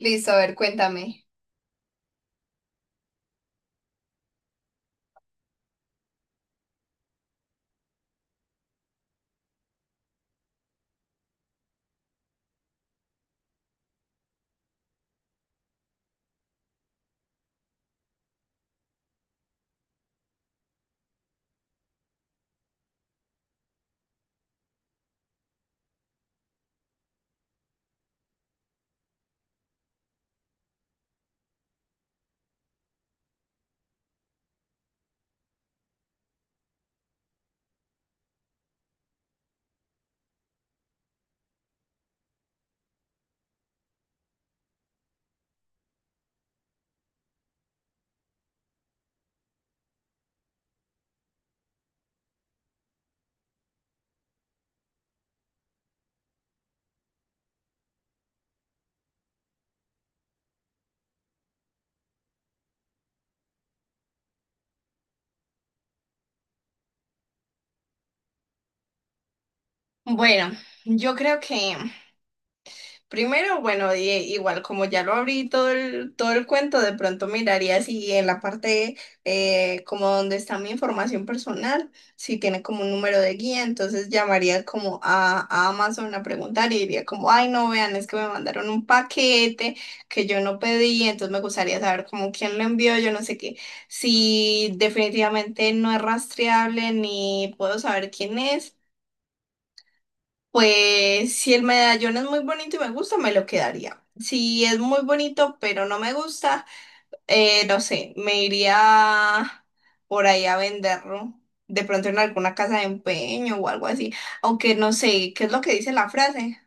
Listo, a ver, cuéntame. Bueno, yo creo que primero, bueno, igual como ya lo abrí todo el cuento, de pronto miraría si en la parte como donde está mi información personal, si tiene como un número de guía, entonces llamaría como a Amazon a preguntar y diría como, ay, no, vean, es que me mandaron un paquete que yo no pedí, entonces me gustaría saber como quién lo envió, yo no sé qué, si definitivamente no es rastreable ni puedo saber quién es. Pues si el medallón es muy bonito y me gusta, me lo quedaría. Si es muy bonito pero no me gusta, no sé, me iría por ahí a venderlo. De pronto en alguna casa de empeño o algo así. Aunque no sé, ¿qué es lo que dice la frase?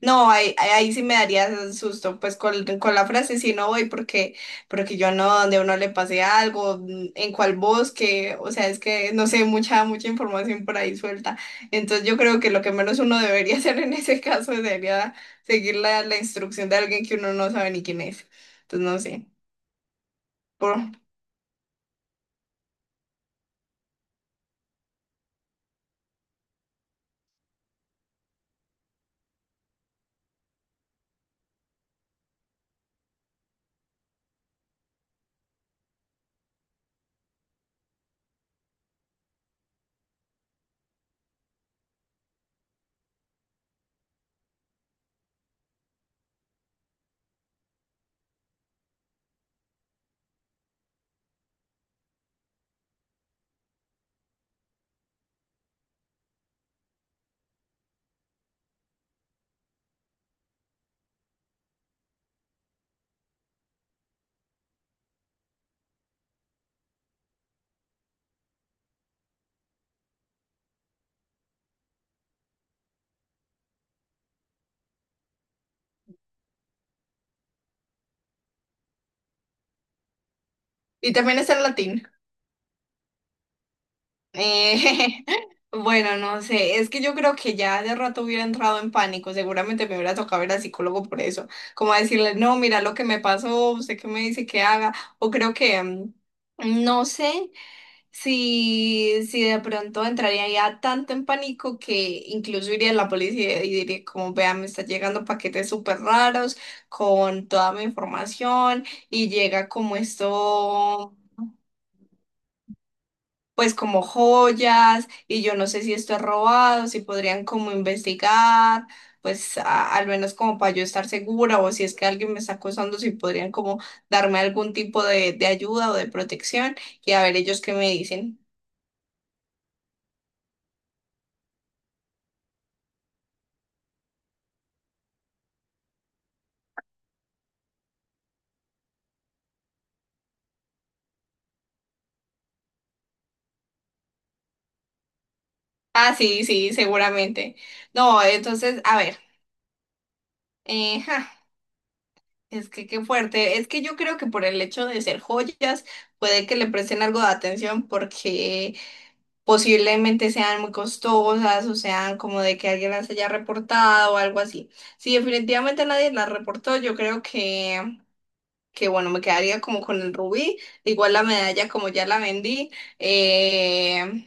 No, ahí sí me daría susto, pues con la frase sí no voy porque, porque yo no, donde uno le pase algo, en cuál bosque, o sea, es que no sé, mucha información por ahí suelta. Entonces yo creo que lo que menos uno debería hacer en ese caso sería seguir la instrucción de alguien que uno no sabe ni quién es. Entonces no sé. Por... Y también está el latín. Eh, bueno, no sé, es que yo creo que ya de rato hubiera entrado en pánico, seguramente me hubiera tocado ir al psicólogo por eso, como a decirle, no, mira lo que me pasó, usted qué me dice que haga, o creo que, no sé si de pronto entraría ya tanto en pánico que incluso iría a la policía y diría, como vea, me están llegando paquetes súper raros con toda mi información y llega como esto, pues como joyas y yo no sé si esto es robado, si podrían como investigar, pues al menos como para yo estar segura o si es que alguien me está acosando, si podrían como darme algún tipo de ayuda o de protección y a ver ellos qué me dicen. Ah, sí, sí, seguramente. No, entonces, a ver, ja, es que qué fuerte, es que yo creo que por el hecho de ser joyas puede que le presten algo de atención porque... posiblemente sean muy costosas o sean como de que alguien las haya reportado o algo así. Si definitivamente nadie las reportó, yo creo que bueno, me quedaría como con el rubí, igual la medalla como ya la vendí, eh,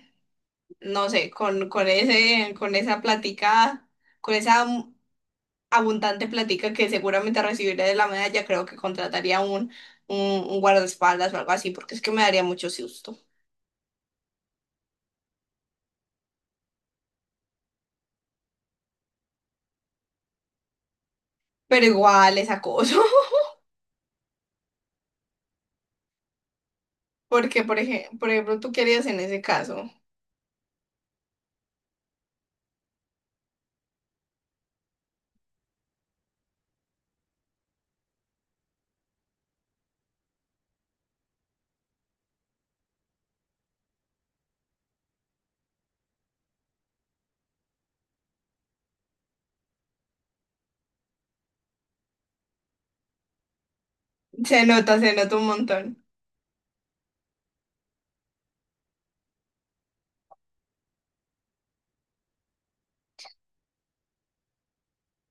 no sé, con ese, con esa plática, con esa abundante plática que seguramente recibiré de la medalla, creo que contrataría un, un guardaespaldas o algo así, porque es que me daría mucho susto. Pero igual es acoso. Porque, por ejemplo, tú querías en ese caso. Se nota un montón.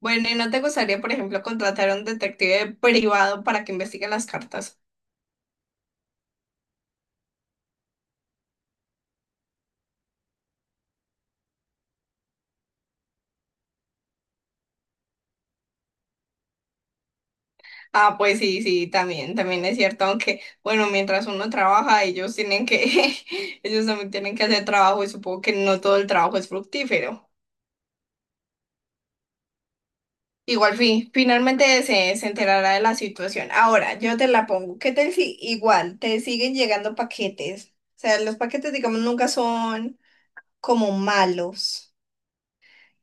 Bueno, ¿y no te gustaría, por ejemplo, contratar a un detective privado para que investigue las cartas? Ah, pues sí, sí, también, también es cierto, aunque, bueno, mientras uno trabaja, ellos tienen que, ellos también tienen que hacer trabajo y supongo que no todo el trabajo es fructífero. Igual, finalmente se enterará de la situación. Ahora, yo te la pongo. ¿Qué tal si igual te siguen llegando paquetes? O sea, los paquetes, digamos, nunca son como malos.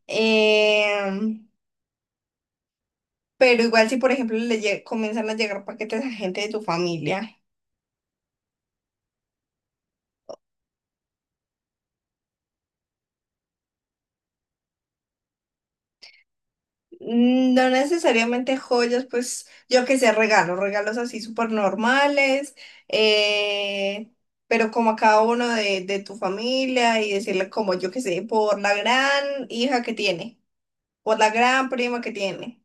Em, pero igual si, por ejemplo, comienzan a llegar paquetes a gente de tu familia, mm, no necesariamente joyas, pues yo que sé, regalos, regalos así súper normales, eh, pero como a cada uno de tu familia y decirle como yo que sé, por la gran hija que tiene, por la gran prima que tiene,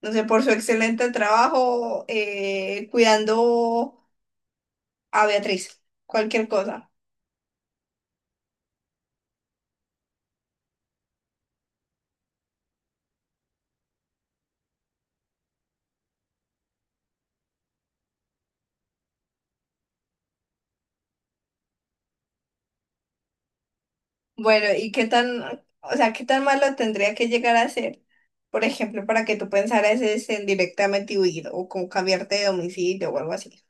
no sé, por su excelente trabajo cuidando a Beatriz, cualquier cosa. Bueno, ¿y qué tan, o sea, qué tan malo tendría que llegar a ser, por ejemplo, para que tú pensaras es en directamente huir o con cambiarte de domicilio o algo así?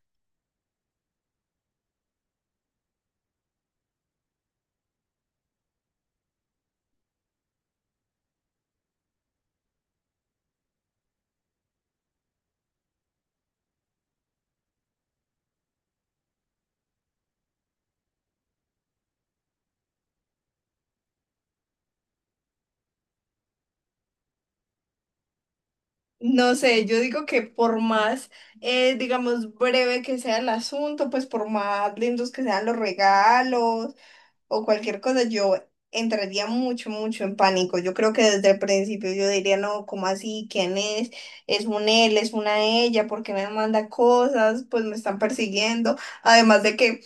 No sé, yo digo que por más, digamos, breve que sea el asunto, pues por más lindos que sean los regalos, o cualquier cosa, yo entraría mucho, mucho en pánico. Yo creo que desde el principio yo diría, no, ¿cómo así? ¿Quién es? ¿Es un él? ¿Es una ella? ¿Por qué me manda cosas? Pues me están persiguiendo. Además de que,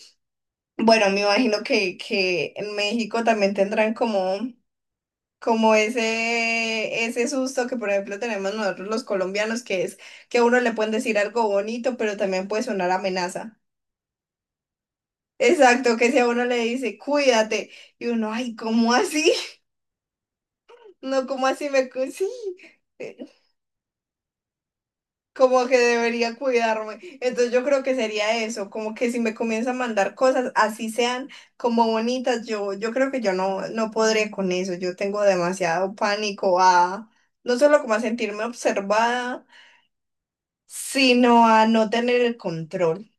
bueno, me imagino que en México también tendrán como... como ese susto que por ejemplo tenemos nosotros los colombianos, que es que a uno le pueden decir algo bonito, pero también puede sonar amenaza. Exacto, que si a uno le dice, cuídate, y uno, ay, ¿cómo así? No, como así me... Sí, eh, como que debería cuidarme. Entonces yo creo que sería eso, como que si me comienza a mandar cosas, así sean como bonitas, yo creo que yo no podré con eso. Yo tengo demasiado pánico a no solo como a sentirme observada, sino a no tener el control.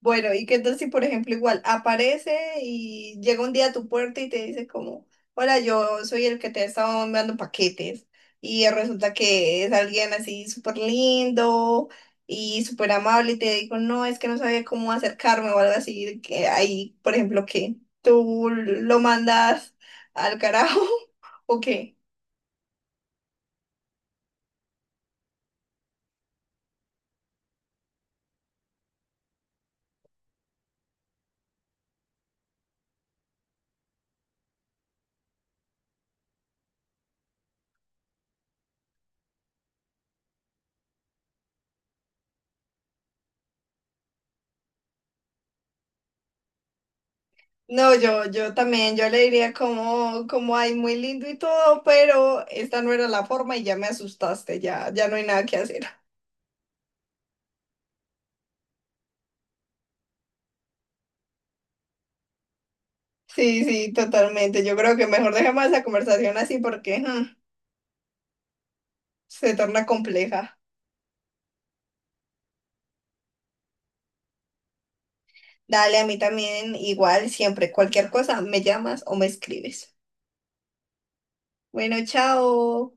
Bueno, ¿y qué tal si, por ejemplo, igual aparece y llega un día a tu puerta y te dice como, hola, yo soy el que te ha estado enviando paquetes? Y resulta que es alguien así súper lindo y súper amable y te digo, no, es que no sabía cómo acercarme o algo así, que ahí, por ejemplo, que tú lo mandas al carajo o qué. No, yo también, yo le diría como, como, ay, muy lindo y todo, pero esta no era la forma y ya me asustaste, ya, ya no hay nada que hacer. Sí, sí, totalmente. Yo creo que mejor dejemos esa conversación así porque mm, se torna compleja. Dale, a mí también, igual, siempre, cualquier cosa, me llamas o me escribes. Bueno, chao.